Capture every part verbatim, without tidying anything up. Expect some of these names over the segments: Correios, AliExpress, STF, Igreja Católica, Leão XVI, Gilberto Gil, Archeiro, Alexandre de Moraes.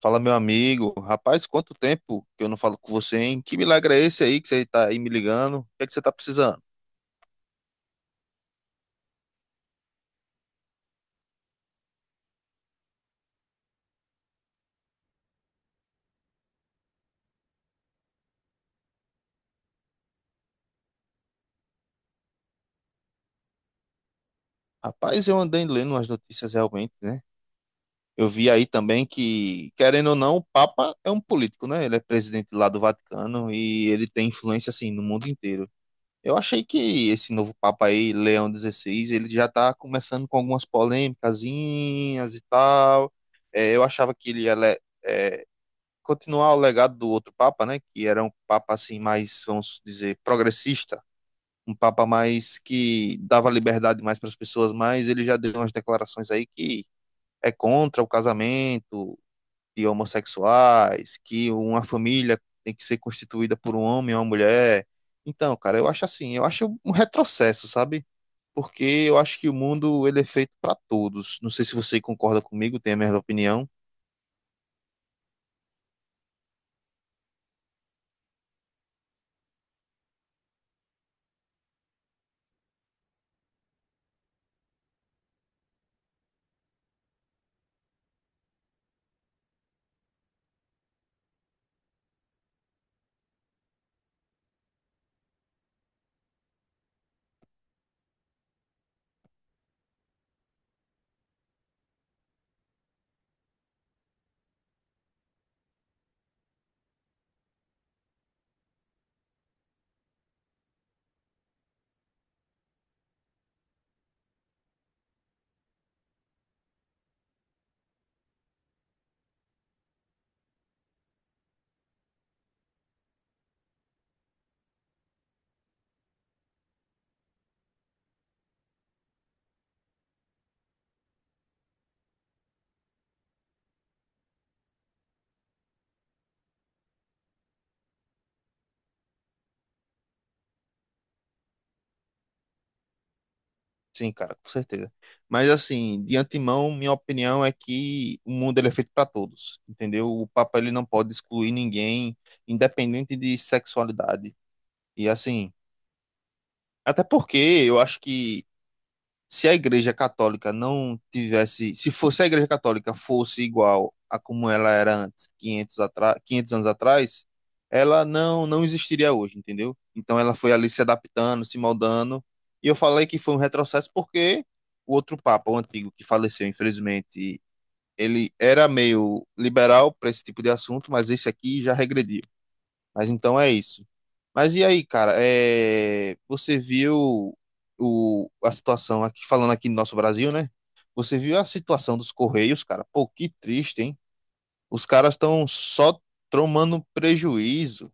Fala, meu amigo. Rapaz, quanto tempo que eu não falo com você, hein? Que milagre é esse aí que você tá aí me ligando? O que é que você tá precisando? Rapaz, eu andei lendo umas notícias realmente, né? Eu vi aí também que, querendo ou não, o Papa é um político, né? Ele é presidente lá do Vaticano e ele tem influência, assim, no mundo inteiro. Eu achei que esse novo Papa aí, Leão dezesseis, ele já tá começando com algumas polêmicazinhas e tal. É, eu achava que ele ia continuar o legado do outro Papa, né, que era um Papa assim mais, vamos dizer, progressista, um Papa mais que dava liberdade mais para as pessoas, mas ele já deu umas declarações aí que é contra o casamento de homossexuais, que uma família tem que ser constituída por um homem e uma mulher. Então, cara, eu acho assim, eu acho um retrocesso, sabe? Porque eu acho que o mundo ele é feito para todos. Não sei se você concorda comigo, tem a mesma opinião. Sim, cara, com certeza. Mas assim, de antemão, minha opinião é que o mundo ele é feito para todos, entendeu? O Papa ele não pode excluir ninguém, independente de sexualidade. E assim, até porque eu acho que se a Igreja Católica não tivesse, se fosse a Igreja Católica fosse igual a como ela era antes, quinhentos, atra- quinhentos anos atrás, ela não não existiria hoje, entendeu? Então ela foi ali se adaptando, se moldando, e eu falei que foi um retrocesso porque o outro Papa, o antigo, que faleceu, infelizmente, ele era meio liberal para esse tipo de assunto, mas esse aqui já regrediu. Mas então é isso. Mas e aí, cara? é, Você viu o... a situação aqui, falando aqui no nosso Brasil, né? Você viu a situação dos Correios, cara? Pô, que triste, hein? Os caras estão só tomando prejuízo.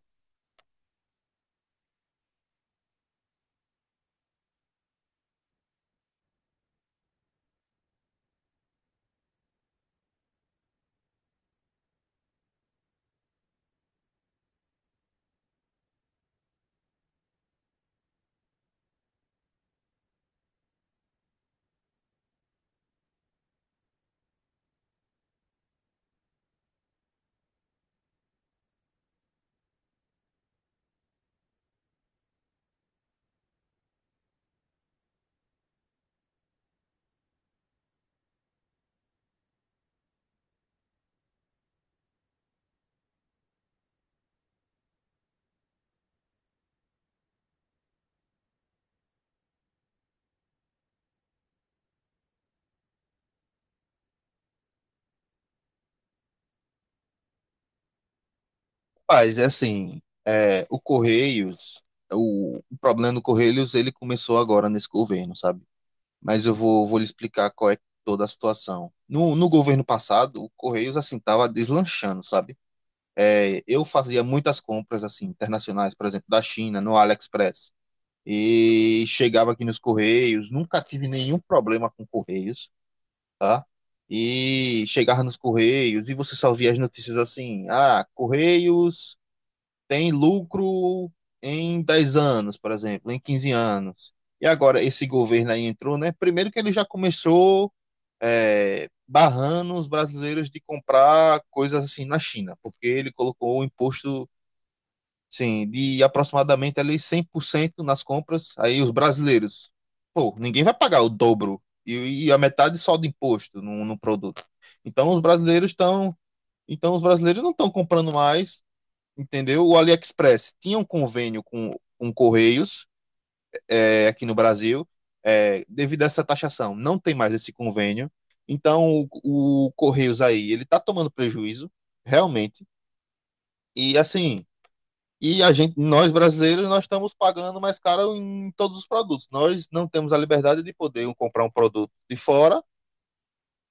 Mas, é assim, é... o Correios, o... o problema do Correios, ele começou agora nesse governo, sabe? Mas eu vou, vou lhe explicar qual é toda a situação. No, no governo passado, o Correios, assim, tava deslanchando, sabe? É, eu fazia muitas compras assim internacionais, por exemplo, da China, no AliExpress. E chegava aqui nos Correios, nunca tive nenhum problema com Correios, tá? E chegava nos Correios e você só via as notícias assim: ah, Correios tem lucro em dez anos, por exemplo, em quinze anos. E agora esse governo aí entrou, né? Primeiro que ele já começou é, barrando os brasileiros de comprar coisas assim na China, porque ele colocou o imposto. Sim, de aproximadamente ali cem por cento nas compras. Aí os brasileiros, pô, ninguém vai pagar o dobro e, e a metade só de imposto no, no produto. Então os brasileiros estão, então os brasileiros não estão comprando mais, entendeu? O AliExpress tinha um convênio com, com Correios é, aqui no Brasil, é, devido a essa taxação, não tem mais esse convênio. Então o, o Correios aí, ele tá tomando prejuízo, realmente. E assim, e a gente, nós brasileiros, nós estamos pagando mais caro em todos os produtos. Nós não temos a liberdade de poder um comprar um produto de fora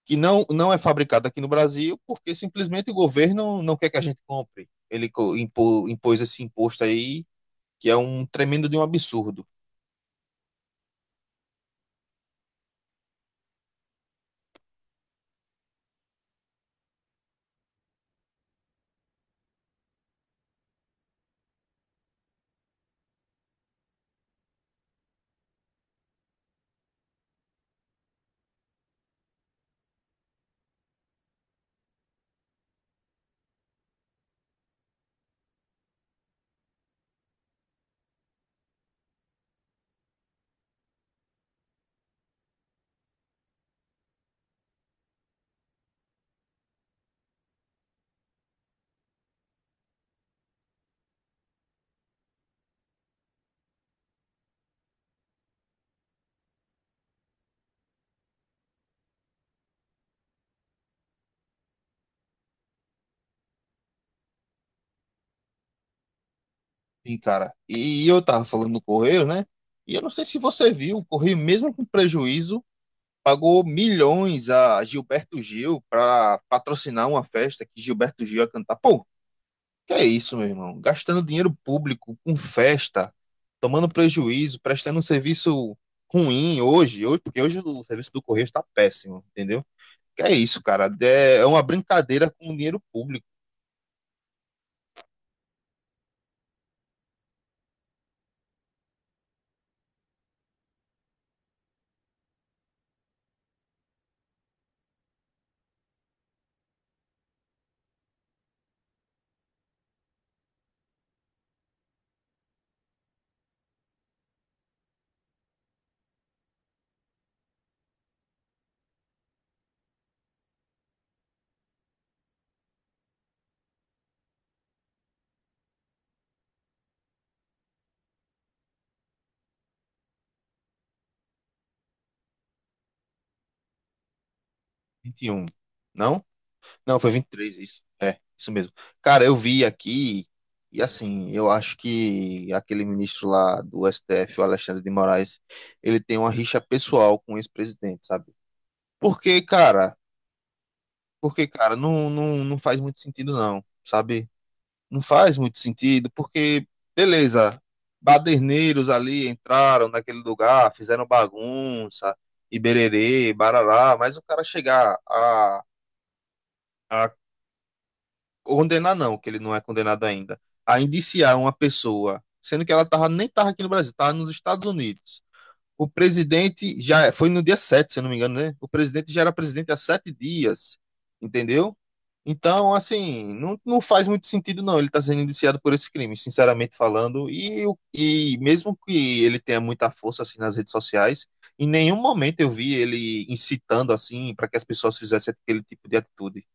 que não, não é fabricado aqui no Brasil, porque simplesmente o governo não quer que a gente compre. Ele co- impo- impôs esse imposto aí, que é um tremendo de um absurdo. E, cara, e eu tava falando do Correio, né? E eu não sei se você viu, o Correio, mesmo com prejuízo, pagou milhões a Gilberto Gil para patrocinar uma festa que Gilberto Gil ia cantar. Pô, que é isso, meu irmão? Gastando dinheiro público com festa, tomando prejuízo, prestando um serviço ruim hoje, hoje, porque hoje o serviço do Correio está péssimo, entendeu? Que é isso, cara? É é uma brincadeira com o dinheiro público. Vinte e um Não? Não, foi vinte e três isso. É, isso mesmo. Cara, eu vi aqui, e assim, eu acho que aquele ministro lá do S T F, o Alexandre de Moraes, ele tem uma rixa pessoal com o ex-presidente, sabe? Porque, cara, Porque, cara, não, não, não faz muito sentido, não, sabe? Não faz muito sentido, porque, beleza, baderneiros ali entraram naquele lugar, fizeram bagunça, e bererê, barará, mas o cara chegar a, a condenar, não, que ele não é condenado ainda, a indiciar uma pessoa, sendo que ela tava, nem tava aqui no Brasil, tava nos Estados Unidos. O presidente já foi no dia sete, se eu não me engano, né? O presidente já era presidente há sete dias, entendeu? Então, assim, não, não faz muito sentido, não. Ele está sendo indiciado por esse crime, sinceramente falando. E, o- e mesmo que ele tenha muita força assim nas redes sociais, em nenhum momento eu vi ele incitando assim para que as pessoas fizessem aquele tipo de atitude.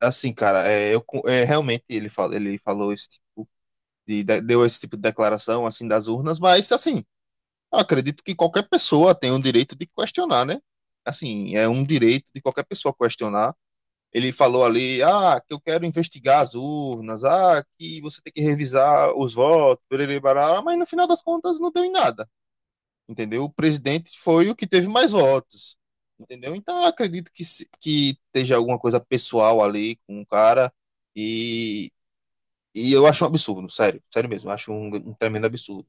Assim, cara, é, eu co- é, realmente ele falou, ele falou esse tipo de, de- deu esse tipo de declaração assim das urnas, mas assim. Eu acredito que qualquer pessoa tem o direito de questionar, né? Assim, é um direito de qualquer pessoa questionar. Ele falou ali, ah, que eu quero investigar as urnas, ah, que você tem que revisar os votos, perere, barará, mas no final das contas não deu em nada, entendeu? O presidente foi o que teve mais votos, entendeu? Então eu acredito que, se- que esteja alguma coisa pessoal ali com o cara e, e eu acho um absurdo, sério, sério mesmo, eu acho um, um tremendo absurdo.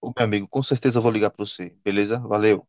Ô, meu amigo, com certeza eu vou ligar para você, beleza? Valeu.